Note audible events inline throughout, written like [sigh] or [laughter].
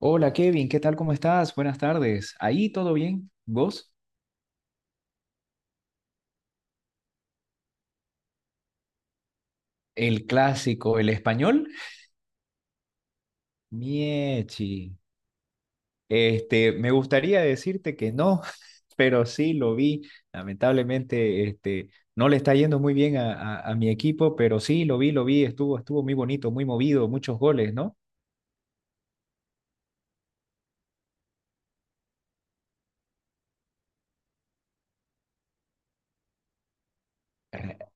Hola Kevin, ¿qué tal? ¿Cómo estás? Buenas tardes. ¿Ahí todo bien? ¿Vos? El clásico, el español. Miechi. Me gustaría decirte que no, [laughs] pero sí lo vi. Lamentablemente, no le está yendo muy bien a mi equipo, pero sí lo vi, lo vi. Estuvo muy bonito, muy movido, muchos goles, ¿no? Re-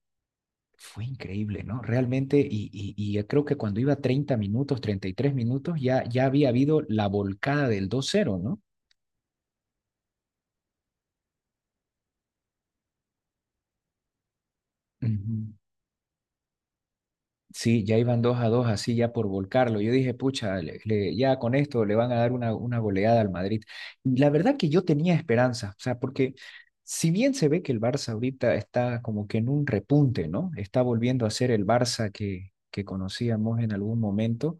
Fue increíble, ¿no? Realmente, y yo creo que cuando iba 30 minutos, 33 minutos, ya había habido la volcada del dos cero, ¿no? Ujú. Sí, ya iban dos a dos así ya por volcarlo. Yo dije, pucha, ya con esto le van a dar una goleada al Madrid. Y la verdad que yo tenía esperanza, o sea, porque si bien se ve que el Barça ahorita está como que en un repunte, ¿no? Está volviendo a ser el Barça que conocíamos en algún momento,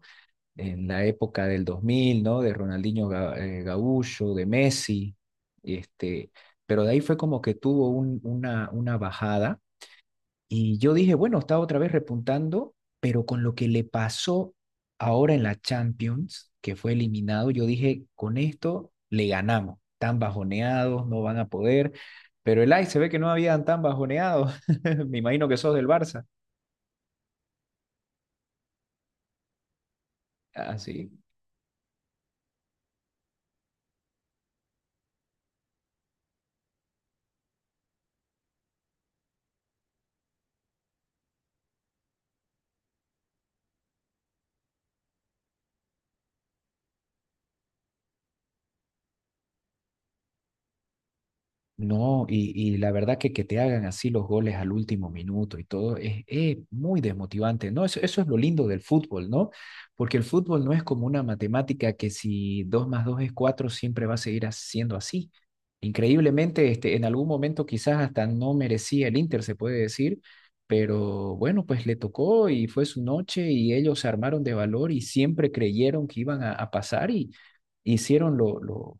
en la época del 2000, ¿no? De Ronaldinho Gaúcho, de Messi, este, pero de ahí fue como que tuvo una bajada y yo dije, bueno, está otra vez repuntando, pero con lo que le pasó ahora en la Champions, que fue eliminado, yo dije, con esto le ganamos. Tan bajoneados, no van a poder. Pero el Ajax se ve que no habían tan bajoneados. [laughs] Me imagino que sos del Barça. Así. No, y la verdad que te hagan así los goles al último minuto y todo es muy desmotivante, ¿no? Eso es lo lindo del fútbol, ¿no? Porque el fútbol no es como una matemática que si 2 más 2 es 4 siempre va a seguir siendo así. Increíblemente, en algún momento quizás hasta no merecía el Inter, se puede decir, pero bueno, pues le tocó y fue su noche y ellos se armaron de valor y siempre creyeron que iban a pasar y hicieron lo, lo,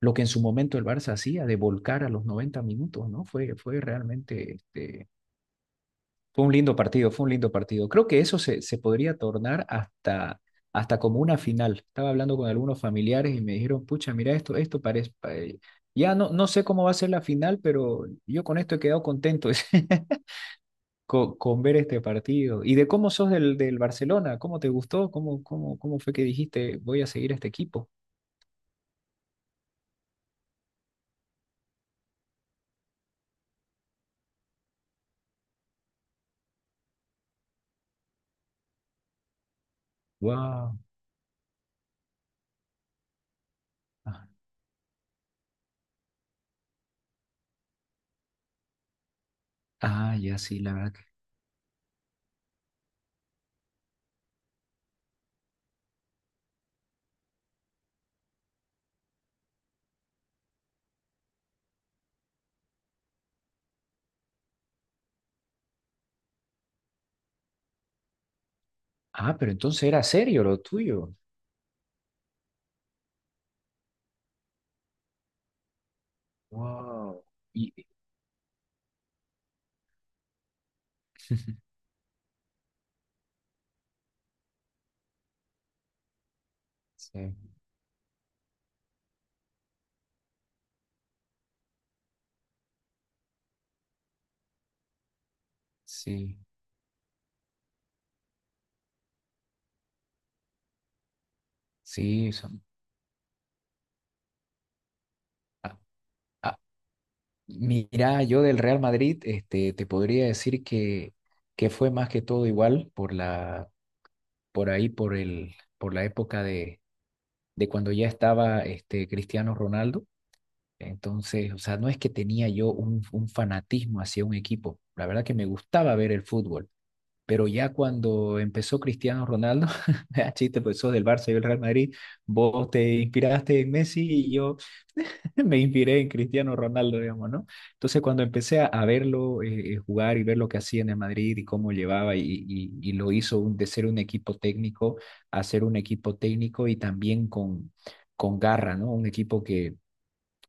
lo que en su momento el Barça hacía de volcar a los 90 minutos, ¿no? Fue realmente, fue un lindo partido, fue un lindo partido. Creo que eso se podría tornar hasta como una final. Estaba hablando con algunos familiares y me dijeron, pucha, mira esto, esto parece. Ya no, no sé cómo va a ser la final, pero yo con esto he quedado contento [laughs] con ver este partido. ¿Y de cómo sos del Barcelona? ¿Cómo te gustó? ¿Cómo fue que dijiste, voy a seguir a este equipo? Wow. Ah, ya sí, la verdad. Ah, pero entonces era serio lo tuyo. Wow. Y, sí, sí, sí, ah, ah, mira, yo del Real Madrid, te podría decir que fue más que todo igual por la, por ahí, por el, por la época de cuando ya estaba Cristiano Ronaldo. Entonces, o sea, no es que tenía yo un fanatismo hacia un equipo. La verdad que me gustaba ver el fútbol. Pero ya cuando empezó Cristiano Ronaldo, [laughs] chiste, pues sos del Barça y del Real Madrid, vos te inspiraste en Messi y yo [laughs] me inspiré en Cristiano Ronaldo, digamos, ¿no? Entonces cuando empecé a verlo jugar y ver lo que hacía en el Madrid y cómo llevaba y lo hizo de ser un equipo técnico a ser un equipo técnico y también con garra, ¿no? Un equipo que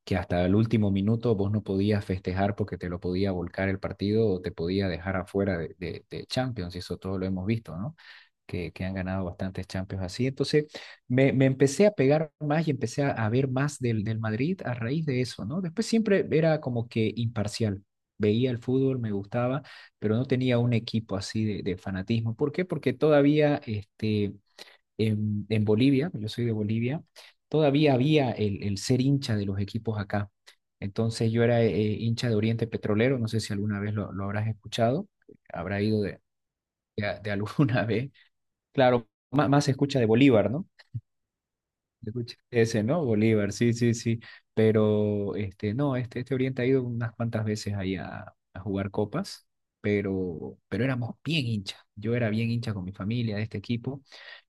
que hasta el último minuto vos no podías festejar porque te lo podía volcar el partido o te podía dejar afuera de Champions, y eso todo lo hemos visto, ¿no? Que han ganado bastantes Champions así. Entonces, me empecé a pegar más y empecé a ver más del Madrid a raíz de eso, ¿no? Después siempre era como que imparcial veía el fútbol, me gustaba, pero no tenía un equipo así fanatismo. ¿Por qué? Porque todavía en Bolivia, yo soy de Bolivia, todavía había el ser hincha de los equipos acá. Entonces yo era hincha de Oriente Petrolero, no sé si alguna vez lo habrás escuchado, habrá ido de alguna [laughs] vez. Claro, más se escucha de Bolívar, ¿no? Escucha, ese, ¿no? Bolívar, sí, sí, sí. Pero no, este Oriente ha ido unas cuantas veces ahí a jugar copas, pero éramos bien hinchas. Yo era bien hincha con mi familia de este equipo.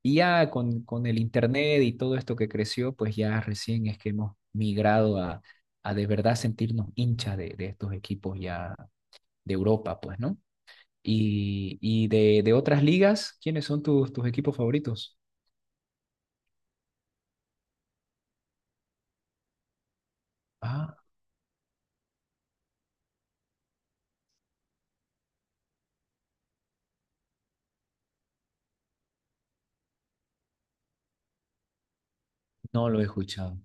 Y ya con el internet y todo esto que creció, pues ya recién es que hemos migrado a de verdad sentirnos hinchas de estos equipos ya de Europa, pues, ¿no? Y de otras ligas, ¿quiénes son tus equipos favoritos? Ah, no lo he escuchado.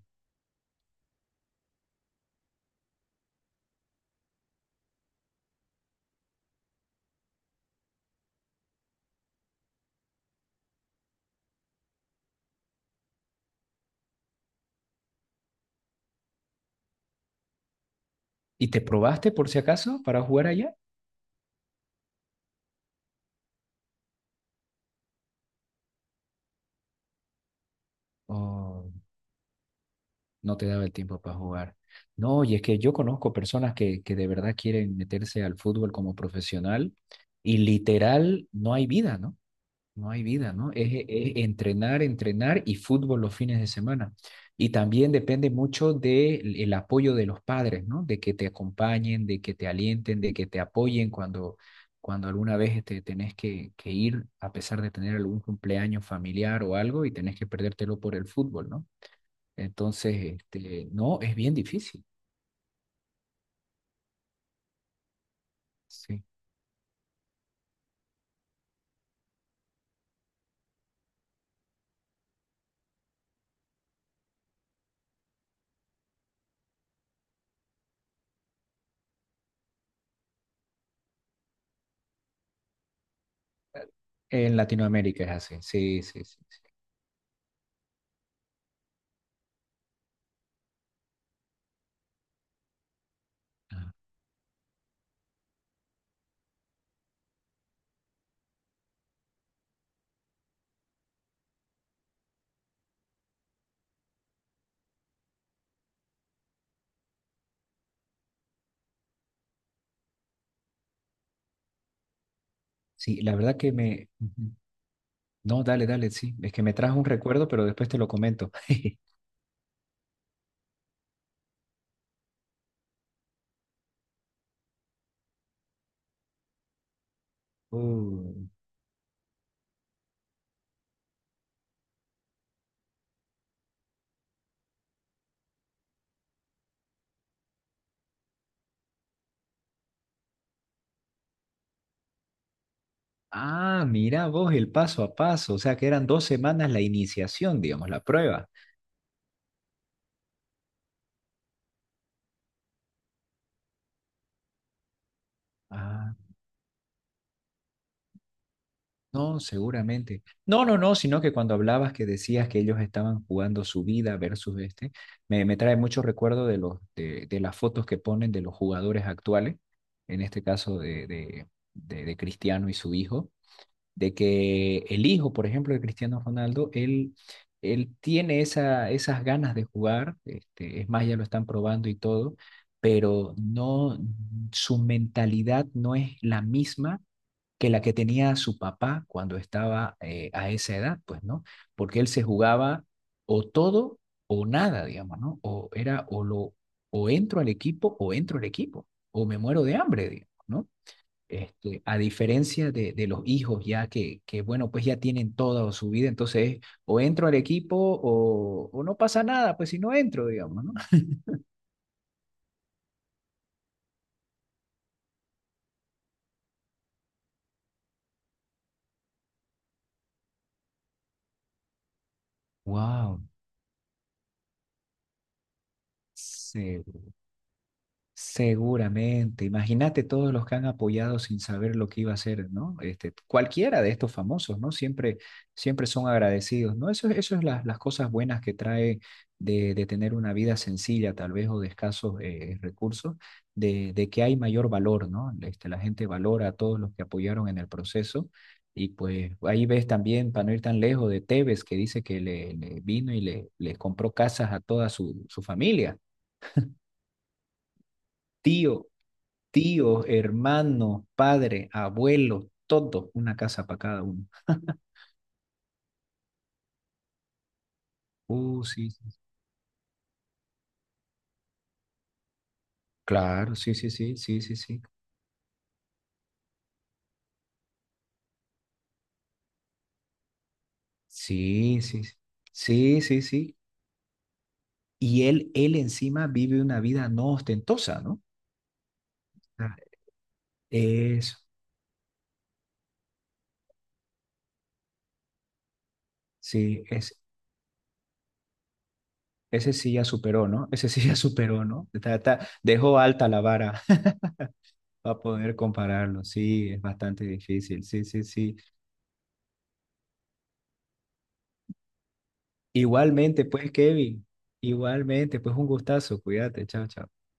¿Y te probaste por si acaso para jugar allá? ¿O no te daba el tiempo para jugar? No, y es que yo conozco personas que de verdad quieren meterse al fútbol como profesional y literal no hay vida, ¿no? No hay vida, ¿no? Es entrenar, entrenar y fútbol los fines de semana. Y también depende mucho del el apoyo de los padres, ¿no? De que te acompañen, de que te alienten, de que te apoyen cuando alguna vez te tenés que ir, a pesar de tener algún cumpleaños familiar o algo, y tenés que perdértelo por el fútbol, ¿no? Entonces, no, es bien difícil. Sí. En Latinoamérica es así. Sí, sí, sí. Sí. Ah, sí, la verdad que me... Ujú. No, dale, dale, sí. Es que me trajo un recuerdo, pero después te lo comento. [laughs] Uh, Ah, mira vos el paso a paso. O sea, que eran dos semanas la iniciación, digamos, la prueba. Ah, no, seguramente. No, no, no, sino que cuando hablabas que decías que ellos estaban jugando su vida versus me trae mucho recuerdo de los, de las fotos que ponen de los jugadores actuales, en este caso de Cristiano y su hijo de que el hijo, por ejemplo, de Cristiano Ronaldo, él tiene esas ganas de jugar, es más, ya lo están probando y todo, pero no, su mentalidad no es la misma que la que tenía su papá cuando estaba a esa edad, pues, ¿no? Porque él se jugaba o todo o nada, digamos, ¿no? O era o entro al equipo o entro al equipo o me muero de hambre, digamos, ¿no? A diferencia de los hijos ya bueno, pues ya tienen toda su vida, entonces o entro al equipo o no pasa nada, pues si no entro, digamos, ¿no? Wow, se Seguramente, imagínate todos los que han apoyado sin saber lo que iba a hacer, ¿no? Cualquiera de estos famosos, ¿no? Siempre, siempre son agradecidos, ¿no? Eso es las cosas buenas que trae de tener una vida sencilla, tal vez, o de escasos recursos, de que hay mayor valor, ¿no? La gente valora a todos los que apoyaron en el proceso. Y pues ahí ves también, para no ir tan lejos, de Tevez, que dice que le vino y le compró casas a toda su familia. Tío, tío, hermano, padre, abuelo, todo, una casa para cada uno. Sí, sí, sí. Claro, sí, sí, sí, sí, sí, sí. Sí, sí, sí, sí, sí, sí. Y él encima vive una vida no ostentosa, ¿no? Ah, eso, sí, ese sí ya superó, ¿no? [laughs] Ese sí ya superó, ¿no? Dejó alta la vara [laughs] para poder compararlo, sí, es bastante difícil, sí, sí, sí. Igualmente, pues, Kevin, igualmente, pues, un gustazo, cuídate, chao, chao.